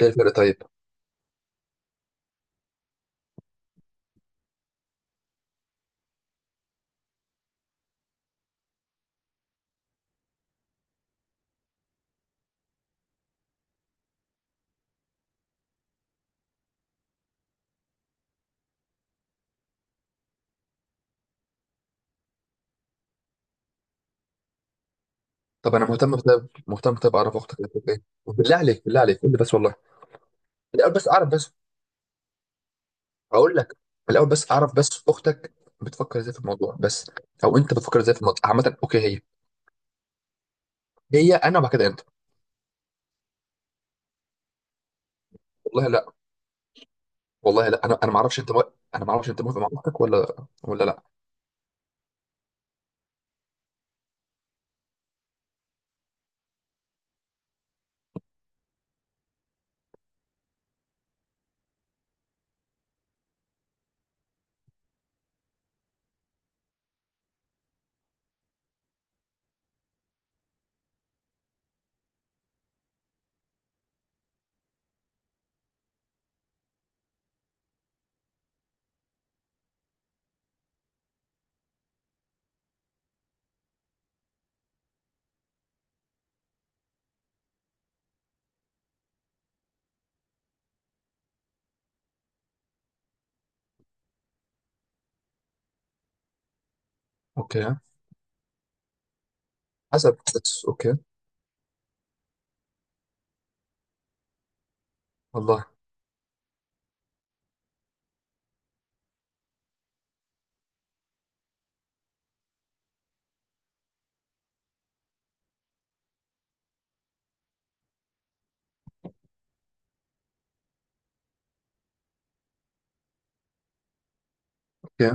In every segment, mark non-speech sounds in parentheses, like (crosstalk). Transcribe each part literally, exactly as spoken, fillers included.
ايه الفرق طيب؟ طب انا مهتم بطيب مهتم بطيب اعرف اختك اللي بتحب ايه، بالله عليك، بالله عليك قول لي بس والله. الاول بس اعرف بس اقول لك. الاول بس اعرف بس اختك بتفكر ازاي في الموضوع بس، او انت بتفكر ازاي في الموضوع عامه. اوكي، هي هي انا وبعد كده انت. والله لا، والله لا، انا انا ما اعرفش انت مو، انا ما اعرفش انت موافق مع اختك ولا ولا لا. اوكي. حسب بس اوكي. والله. اوكي،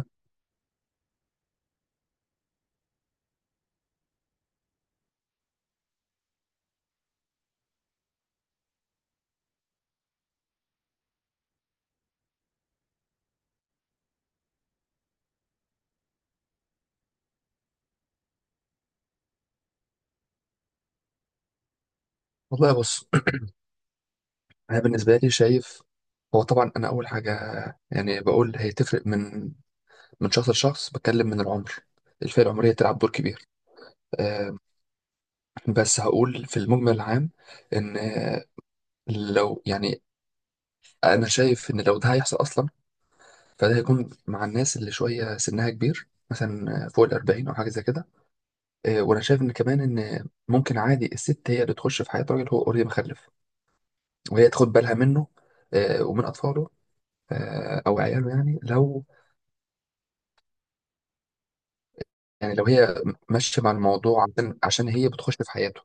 والله بص. (clears throat) انا بالنسبه لي شايف، هو طبعا انا اول حاجه يعني بقول هي تفرق من من شخص لشخص، بتكلم من العمر. الفئة العمرية تلعب دور كبير. آه، بس هقول في المجمل العام إن آه، لو يعني أنا شايف إن لو ده هيحصل أصلا، فده هيكون مع الناس اللي شوية سنها كبير، مثلا آه، فوق الأربعين أو حاجة زي كده. آه، وأنا شايف إن كمان إن ممكن عادي الست هي اللي تخش في حياة راجل هو أوريدي مخلف، وهي تاخد بالها منه، آه، ومن أطفاله، آه، أو عياله. يعني لو يعني لو هي ماشيه مع الموضوع، عشان عشان هي بتخش في حياته،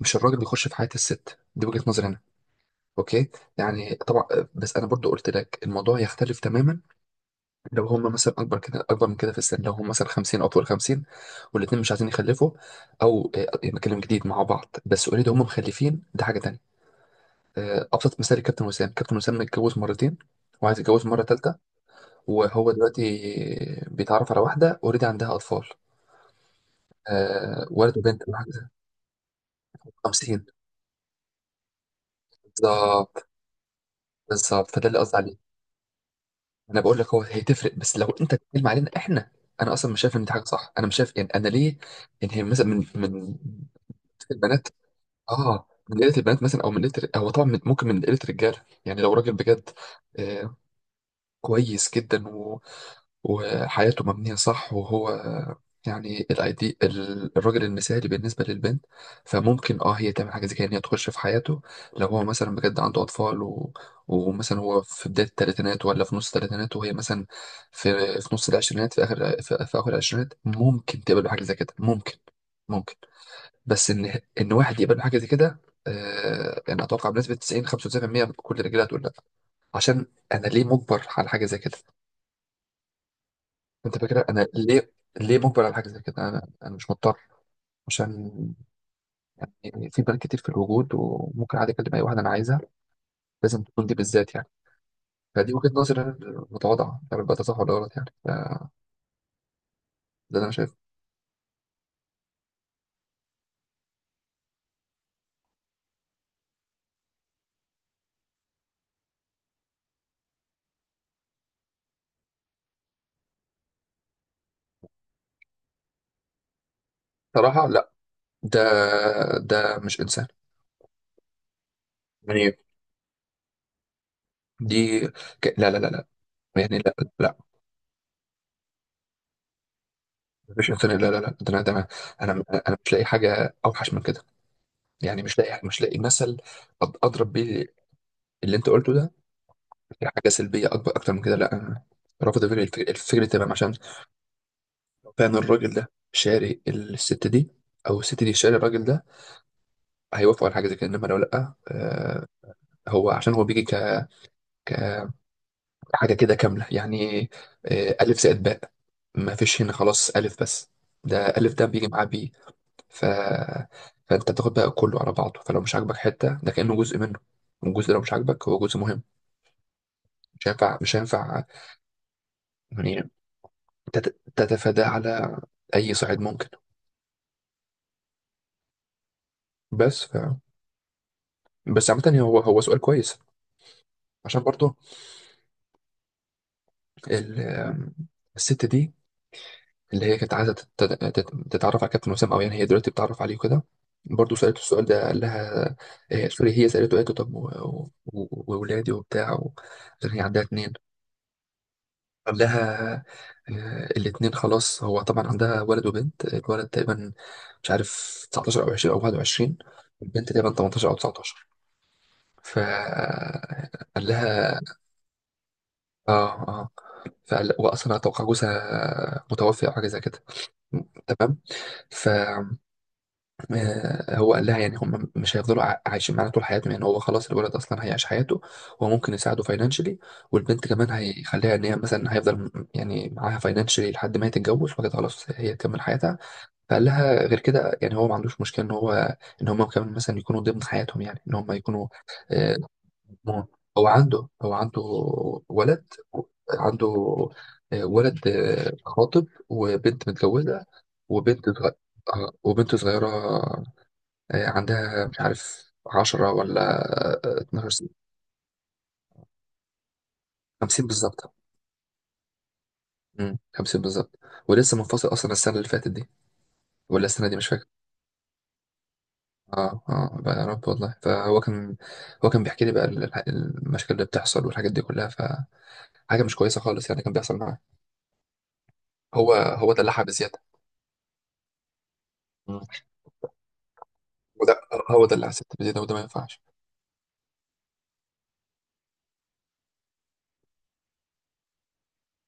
مش الراجل بيخش في حياه الست دي. وجهه نظري انا. اوكي يعني طبعا. بس انا برضو قلت لك الموضوع يختلف تماما لو هم مثلا اكبر كده، اكبر من كده في السن، لو هم مثلا خمسين او فوق ال خمسين والاثنين مش عايزين يخلفوا، او آه، بكلم جديد مع بعض، بس اوريدي هم مخلفين، ده حاجه تانية. آه، ابسط مثال كابتن وسام. كابتن وسام متجوز مرتين وعايز يتجوز مره ثالثه، وهو دلوقتي بيتعرف على واحده اوريدي عندها اطفال، آه، ولد وبنت. خمسين بالظبط. بالظبط، فده اللي قصدي عليه. انا بقول لك هو هي تفرق، بس لو انت بتتكلم علينا احنا انا اصلا مش شايف ان دي حاجه صح. انا مش شايف يعني انا ليه؟ يعني هي مثلا من من البنات، اه من قله البنات مثلا، او من قله، هو طبعا من- ممكن من قله الرجاله. يعني لو راجل بجد آه كويس جدا وحياته مبنية صح، وهو يعني الايدي، الراجل المثالي بالنسبة للبنت، فممكن اه هي تعمل حاجة زي كده ان هي تخش في حياته. لو هو مثلا بجد عنده اطفال و، ومثلا هو في بداية الثلاثينات ولا في نص الثلاثينات، وهي مثلا في في نص العشرينات، في اخر في, في اخر العشرينات، ممكن تقبل بحاجة زي كده، ممكن، ممكن. بس ان ان واحد يقبل بحاجة زي كده، آه يعني اتوقع بنسبة تسعين خمسه وتسعين بالمية كل الرجاله هتقول لا. عشان انا ليه مجبر على حاجة زي كده؟ انت فاكر انا ليه ليه مجبر على حاجه زي كده؟ انا انا مش مضطر، عشان يعني في بنات كتير في الوجود، وممكن عادي اكلم اي واحده انا عايزها، لازم تكون دي بالذات يعني؟ فدي وجهه نظري انا المتواضعه يعني، بقى ده صح ولا غلط يعني. ف- ده اللي انا شايفه. صراحه لا، ده ده مش انسان يعني. دي ك... لا لا لا لا، يعني لا، لا. مفيش انسان، لا لا لا، ده انا ده انا، انا أنا مش لاقي حاجه اوحش من كده. يعني مش لاقي، مش لاقي مثل، أض- اضرب بيه اللي انت قلته ده يعني، حاجة سلبية أكبر أكتر من كده. لأ أنا رافض فكرة، الفكرة الفكرة تمام، عشان فعلا الراجل ده شاري الست دي، أو الست دي شاري الراجل ده، هيوافقوا على حاجة زي كده. إنما لو لأ، آه هو عشان هو بيجي ك كحاجة كده كاملة يعني. آه، ألف زائد باء، ما فيش هنا خلاص ألف بس، ده ألف ده بيجي معاه بيه. ف، فأنت بتاخد بقى كله على بعضه، فلو مش عاجبك حتة ده، كأنه جزء منه، والجزء ده لو مش عاجبك هو جزء مهم، مش هينفع، مش هينفع يعني تت- تتفاداه على اي صعيد ممكن. بس ف، بس عامة هو هو سؤال كويس، عشان برضه ال، الست دي اللي هي كانت عايزة تت... تت- تتعرف على كابتن وسام، او يعني هي دلوقتي بتتعرف عليه وكده، برضه سألته السؤال ده. قال لها آه، سوري، هي سألته، قالت له طب و- و- وولادي وبتاع و- عشان هي عندها اتنين. قال لها آه، الاتنين خلاص. هو طبعا عندها ولد وبنت، الولد تقريبا مش عارف تسعتاشر او عشرين او واحد وعشرين، البنت تقريبا تمنتاشر او تسعتاشر. فقال لها اه اه، فقال واصلا اتوقع جوزها متوفي او حاجه زي كده، تمام. فهو قال لها يعني هم مش هيفضلوا عا- عايشين معانا طول حياتهم، يعني هو خلاص الولد اصلا هيعيش حياته، هو ممكن يساعده فاينانشلي، والبنت كمان هيخليها ان هي مثلا هيفضل م- يعني معاها فاينانشلي لحد ما هي تتجوز، وبعد كده خلاص هي تكمل حياتها. فقال لها غير كده يعني هو ما عندوش مشكله ان هو ان هم كمان مثلا يكونوا ضمن حياتهم، يعني ان هم يكونوا آه، مم. هو عنده، هو عنده ولد، عنده آه، ولد آه، خاطب، وبنت متجوزة، وبنت صغيرة، وبنت صغيرة آه، عندها مش عارف عشرة ولا آه، اتناشر سنة. خمسين بالظبط. مم، خمسين بالظبط، ولسه منفصل أصلا السنة اللي فاتت دي ولا السنة دي مش فاكر. اه اه، بقى يا رب والله. فهو كان، هو كان بيحكي لي بقى ال- الح- المشاكل اللي بتحصل والحاجات دي كلها، فحاجة مش كويسة خالص يعني، كان بيحصل معاه. هو هو دلعها بزيادة، وده هو ده اللي حسيت بيه ده، وده ما ينفعش.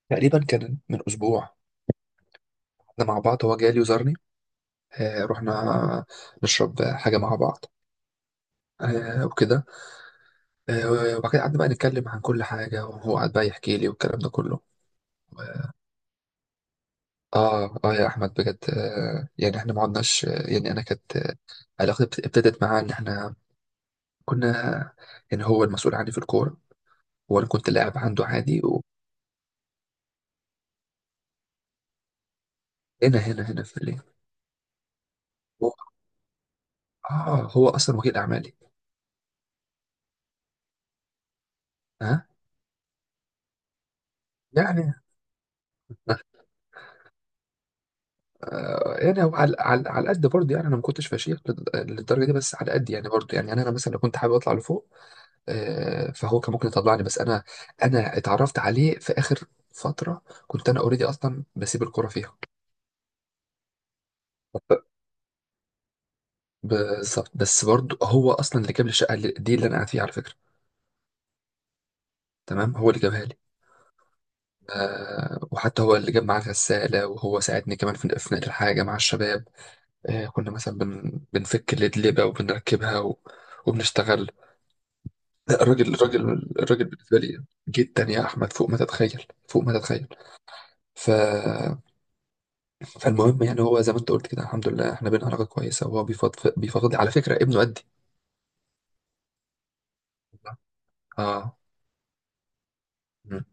تقريبا كان من اسبوع احنا مع بعض، هو جالي وزارني، آه رحنا نشرب حاجه مع بعض، آه وكده، آه وبعد كده قعدنا بقى نتكلم عن كل حاجه، وهو قعد بقى يحكي لي والكلام ده كله. اه اه يا احمد بجد آه، يعني احنا ما عدناش آه، يعني انا كانت آه، علاقتي بت- ابتدت معاه ان احنا كنا يعني، هو المسؤول عني في الكوره، وانا كنت لاعب عنده عادي وهنا. هنا هنا في الليل. هو- اه هو اصلا وكيل اعمالي. ها يعني يعني هو على على على قد برضه يعني، انا ما كنتش فشيخ لد- للدرجه دي، بس على قد يعني برضه يعني. يعني انا مثلا لو كنت حابب اطلع لفوق آه، فهو كان ممكن يطلعني، بس انا، انا اتعرفت عليه في اخر فتره كنت انا اوريدي اصلا بسيب الكوره فيها. بالظبط، بس برضه هو اصلا اللي جاب لي الشقه اللي- دي اللي انا قاعد فيها على فكره، تمام، هو اللي جابها لي. آه، وحتى هو اللي جاب معاه الغساله، وهو ساعدني كمان في في نقل الحاجه مع الشباب. آه كنا مثلا بن بنفك الادلبه وبنركبها و، وبنشتغل. لا، الراجل، الراجل الراجل بالنسبه لي جدا يا احمد، فوق ما تتخيل، فوق ما تتخيل. ف، فالمهم يعني هو زي ما انت قلت كده، الحمد لله احنا بينا علاقه كويسه، وهو بيفضفض، بيفضفض لي على فكره. ابنه قدي. اه. مم.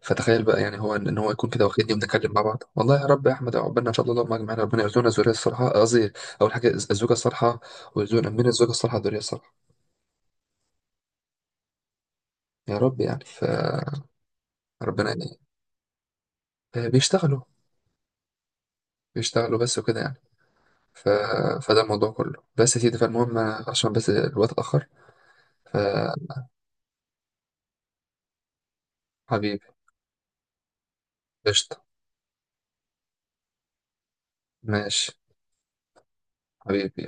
فتخيل بقى، يعني هو ان إن هو يكون كده واخدني وبنتكلم مع بعض، والله يا رب يا احمد عقبالنا ان شاء الله، اللهم اجمعنا، ربنا يرزقنا الذريه الصالحه. قصدي اول حاجه الزوجه الصالحه، ويرزقنا من الزوجه الصالحه الذريه الصالحه، يا رب يعني. فربنا يعني آه، بيشتغلوا، بيشتغلوا بس وكده يعني. ف، فده الموضوع كله، بس يا سيدي فالمهم عشان بس الوقت اتأخر، فحبيبي قشطة، ماشي، حبيبي.